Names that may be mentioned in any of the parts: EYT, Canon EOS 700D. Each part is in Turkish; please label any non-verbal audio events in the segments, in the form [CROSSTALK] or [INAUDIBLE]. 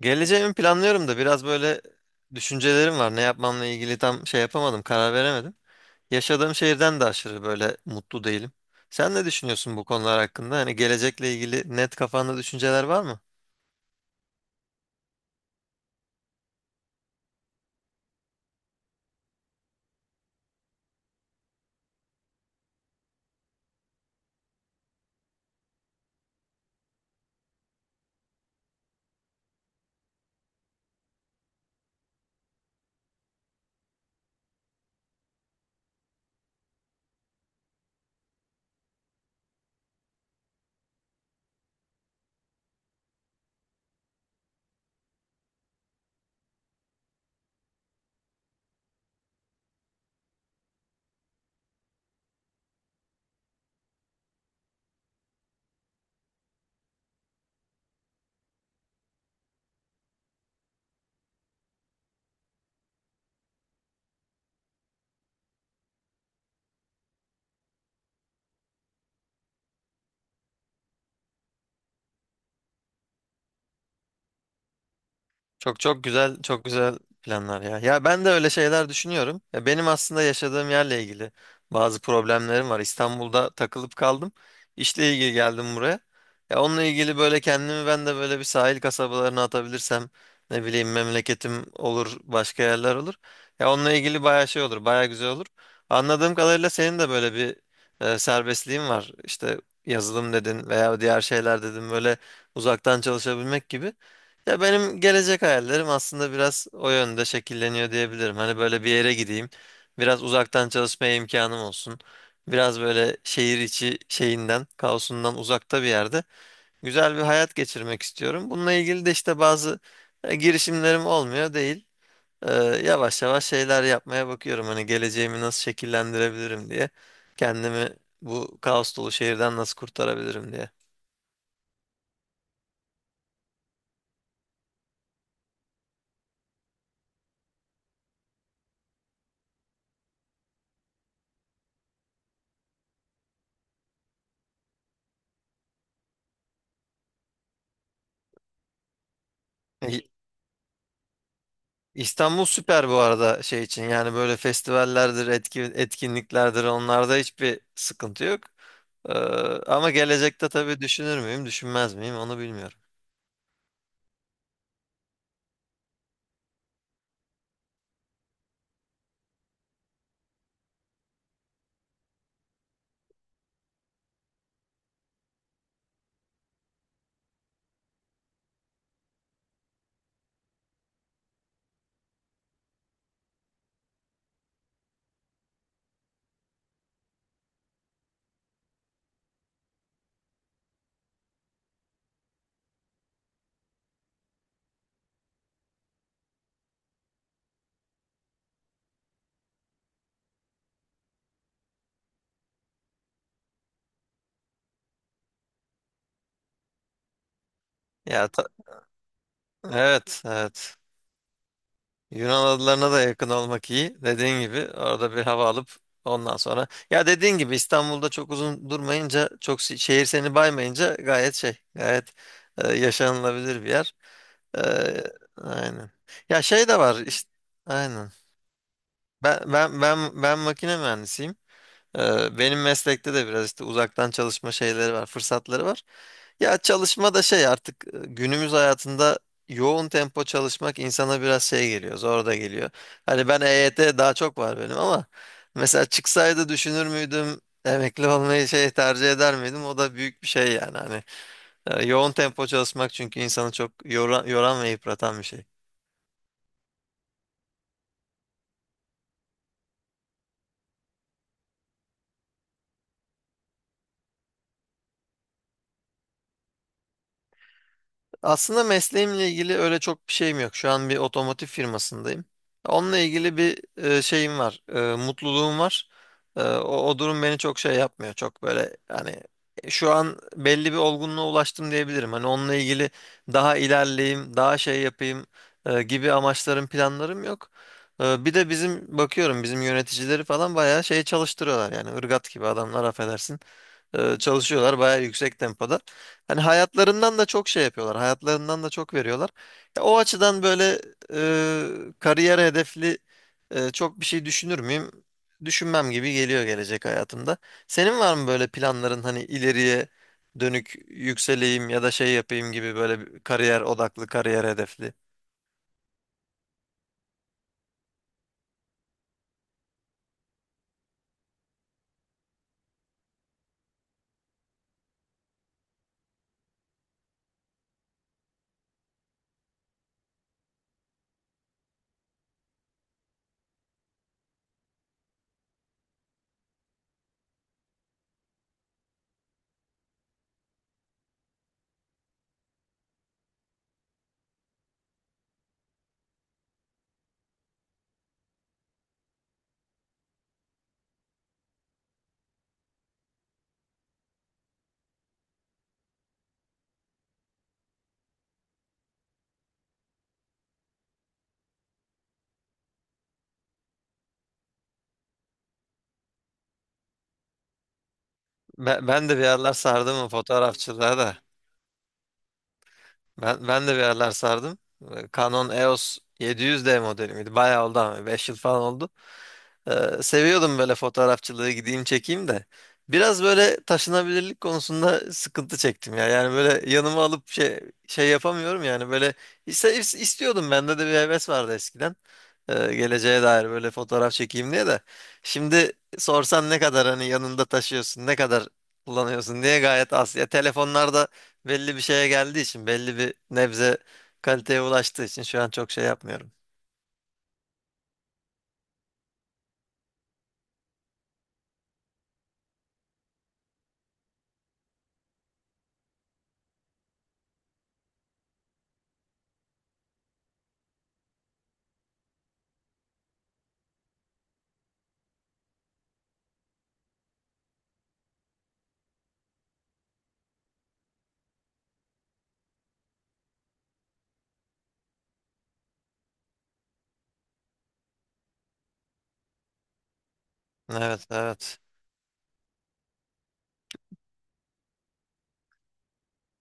Geleceğimi planlıyorum da biraz böyle düşüncelerim var. Ne yapmamla ilgili tam şey yapamadım, karar veremedim. Yaşadığım şehirden de aşırı böyle mutlu değilim. Sen ne düşünüyorsun bu konular hakkında? Hani gelecekle ilgili net kafanda düşünceler var mı? Çok çok güzel, çok güzel planlar ya. Ya ben de öyle şeyler düşünüyorum. Ya benim aslında yaşadığım yerle ilgili bazı problemlerim var. İstanbul'da takılıp kaldım. İşle ilgili geldim buraya. Ya onunla ilgili böyle kendimi ben de böyle bir sahil kasabalarına atabilirsem ne bileyim memleketim olur, başka yerler olur. Ya onunla ilgili bayağı şey olur, bayağı güzel olur. Anladığım kadarıyla senin de böyle bir serbestliğin var. İşte yazılım dedin veya diğer şeyler dedin böyle uzaktan çalışabilmek gibi. Ya benim gelecek hayallerim aslında biraz o yönde şekilleniyor diyebilirim. Hani böyle bir yere gideyim. Biraz uzaktan çalışmaya imkanım olsun. Biraz böyle şehir içi şeyinden, kaosundan uzakta bir yerde güzel bir hayat geçirmek istiyorum. Bununla ilgili de işte bazı girişimlerim olmuyor değil. Yavaş yavaş şeyler yapmaya bakıyorum. Hani geleceğimi nasıl şekillendirebilirim diye. Kendimi bu kaos dolu şehirden nasıl kurtarabilirim diye. İ- İstanbul süper bu arada şey için, yani böyle festivallerdir, etkinliklerdir, onlarda hiçbir sıkıntı yok. Ee, Ama gelecekte tabii düşünür müyüm, düşünmez miyim onu bilmiyorum. Ya ta- evet, evet. Yunan adalarına da yakın olmak iyi. Dediğin gibi orada bir hava alıp ondan sonra. Ya dediğin gibi İstanbul'da çok uzun durmayınca, çok şehir seni baymayınca gayet şey, gayet yaşanılabilir bir yer. E, aynen. Ya şey de var işte. Aynen. Ben makine mühendisiyim. Benim meslekte de biraz işte uzaktan çalışma şeyleri var, fırsatları var. Ya çalışma da şey artık günümüz hayatında yoğun tempo çalışmak insana biraz şey geliyor, zor da geliyor. Hani ben EYT daha çok var benim ama mesela çıksaydı düşünür müydüm? Emekli olmayı şey tercih eder miydim? O da büyük bir şey yani hani. Yoğun tempo çalışmak, çünkü insanı çok yoran ve yıpratan bir şey. Aslında mesleğimle ilgili öyle çok bir şeyim yok. Şu an bir otomotiv firmasındayım. Onunla ilgili bir şeyim var. Mutluluğum var. O durum beni çok şey yapmıyor. Çok böyle hani şu an belli bir olgunluğa ulaştım diyebilirim. Hani onunla ilgili daha ilerleyeyim, daha şey yapayım gibi amaçlarım, planlarım yok. Bir de bizim bakıyorum bizim yöneticileri falan bayağı şey çalıştırıyorlar, yani ırgat gibi adamlar, affedersin, çalışıyorlar bayağı yüksek tempoda. Hani hayatlarından da çok şey yapıyorlar. Hayatlarından da çok veriyorlar. Ya, o açıdan böyle kariyer hedefli çok bir şey düşünür müyüm? Düşünmem gibi geliyor gelecek hayatımda. Senin var mı böyle planların, hani ileriye dönük yükseleyim ya da şey yapayım gibi, böyle bir kariyer odaklı, kariyer hedefli? Ben de bir yerler sardım o fotoğrafçılığa da. Ben de bir yerler sardım. Canon EOS 700D modeli miydi? Bayağı oldu ama 5 yıl falan oldu. Seviyordum böyle fotoğrafçılığı, gideyim çekeyim de. Biraz böyle taşınabilirlik konusunda sıkıntı çektim ya. Yani böyle yanıma alıp şey yapamıyorum yani, böyle istiyordum, bende de bir heves vardı eskiden. Geleceğe dair böyle fotoğraf çekeyim diye de. Şimdi sorsan ne kadar hani yanında taşıyorsun, ne kadar kullanıyorsun diye, gayet az. Ya telefonlarda belli bir şeye geldiği için, belli bir nebze kaliteye ulaştığı için şu an çok şey yapmıyorum. Evet, evet.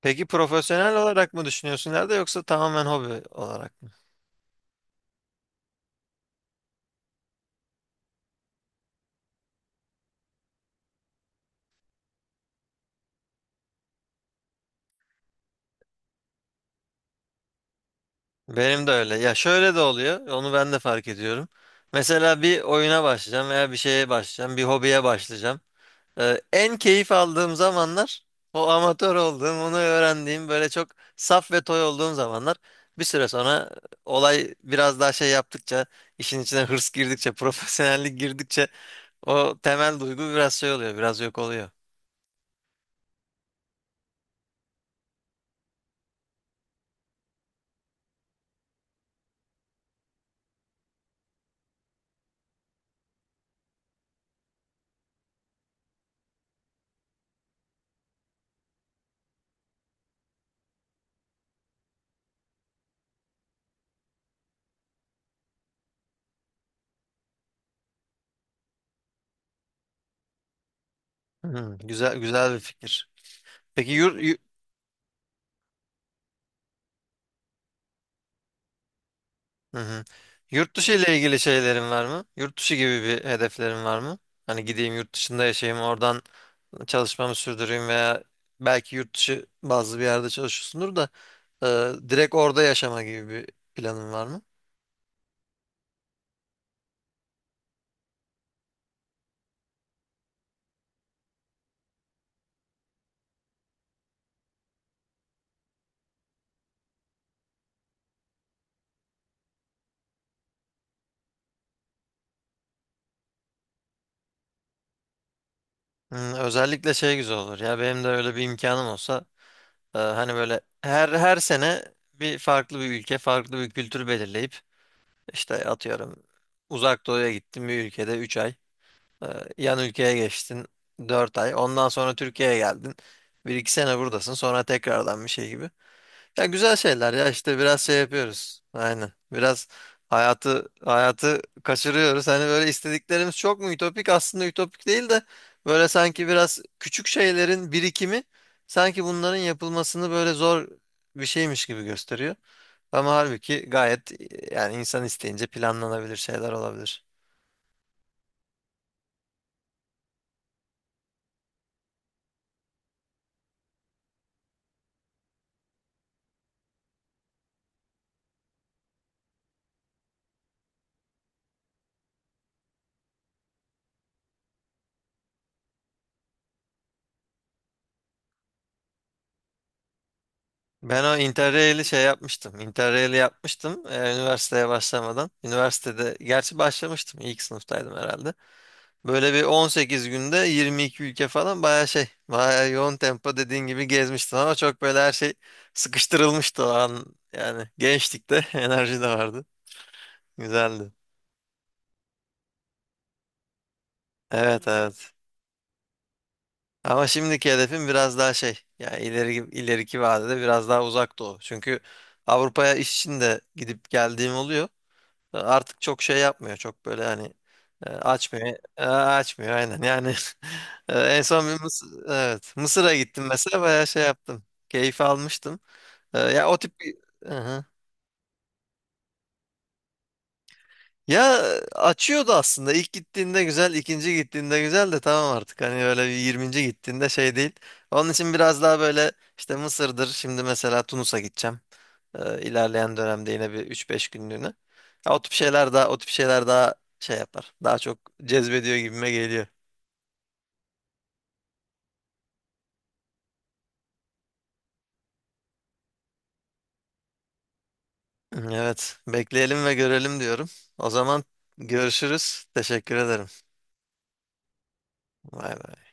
Peki profesyonel olarak mı düşünüyorsun ileride, yoksa tamamen hobi olarak mı? Benim de öyle. Ya şöyle de oluyor. Onu ben de fark ediyorum. Mesela bir oyuna başlayacağım veya bir şeye başlayacağım, bir hobiye başlayacağım. En keyif aldığım zamanlar o amatör olduğum, onu öğrendiğim, böyle çok saf ve toy olduğum zamanlar. Bir süre sonra olay biraz daha şey yaptıkça, işin içine hırs girdikçe, [LAUGHS] profesyonellik girdikçe o temel duygu biraz şey oluyor, biraz yok oluyor. Hı, güzel, güzel bir fikir. Peki hı hı. Yurt dışı ile ilgili şeylerin var mı? Yurt dışı gibi bir hedeflerin var mı? Hani gideyim yurt dışında yaşayayım, oradan çalışmamı sürdüreyim, veya belki yurt dışı bazı bir yerde çalışıyorsundur da, direkt orada yaşama gibi bir planın var mı? Hmm, özellikle şey güzel olur. Ya benim de öyle bir imkanım olsa, hani böyle her sene bir farklı bir ülke, farklı bir kültür belirleyip, işte atıyorum Uzak Doğu'ya gittin, bir ülkede 3 ay, e, yan ülkeye geçtin 4 ay. Ondan sonra Türkiye'ye geldin. Bir iki sene buradasın. Sonra tekrardan bir şey gibi. Ya güzel şeyler, ya işte biraz şey yapıyoruz. Aynen. Biraz hayatı hayatı kaçırıyoruz. Hani böyle istediklerimiz çok mu ütopik? Aslında ütopik değil de, böyle sanki biraz küçük şeylerin birikimi sanki bunların yapılmasını böyle zor bir şeymiş gibi gösteriyor. Ama halbuki gayet, yani insan isteyince planlanabilir şeyler olabilir. Ben o Interrail'i şey yapmıştım. Interrail'i yapmıştım üniversiteye başlamadan. Üniversitede gerçi başlamıştım. İlk sınıftaydım herhalde. Böyle bir 18 günde 22 ülke falan, bayağı şey, bayağı yoğun tempo dediğin gibi gezmiştin, ama çok böyle her şey sıkıştırılmıştı o an. Yani gençlikte [LAUGHS] enerji de vardı. Güzeldi. Evet, evet. Ama şimdiki hedefim biraz daha şey, yani ileriki vadede biraz daha uzak doğu. Çünkü Avrupa'ya iş için de gidip geldiğim oluyor. Artık çok şey yapmıyor. Çok böyle hani açmıyor. Açmıyor, aynen. Yani [LAUGHS] en son bir Mısır, evet, Mısır'a gittim mesela, bayağı şey yaptım. Keyif almıştım. Ya o tip bir... Hı hı. Ya açıyordu aslında. İlk gittiğinde güzel, ikinci gittiğinde güzel de, tamam artık. Hani böyle bir yirminci gittiğinde şey değil. Onun için biraz daha böyle işte Mısır'dır. Şimdi mesela Tunus'a gideceğim. İlerleyen dönemde yine bir üç beş günlüğüne. Ya, o tip şeyler daha, o tip şeyler daha şey yapar. Daha çok cezbediyor gibime geliyor. Evet, bekleyelim ve görelim diyorum. O zaman görüşürüz. Teşekkür ederim. Vay be.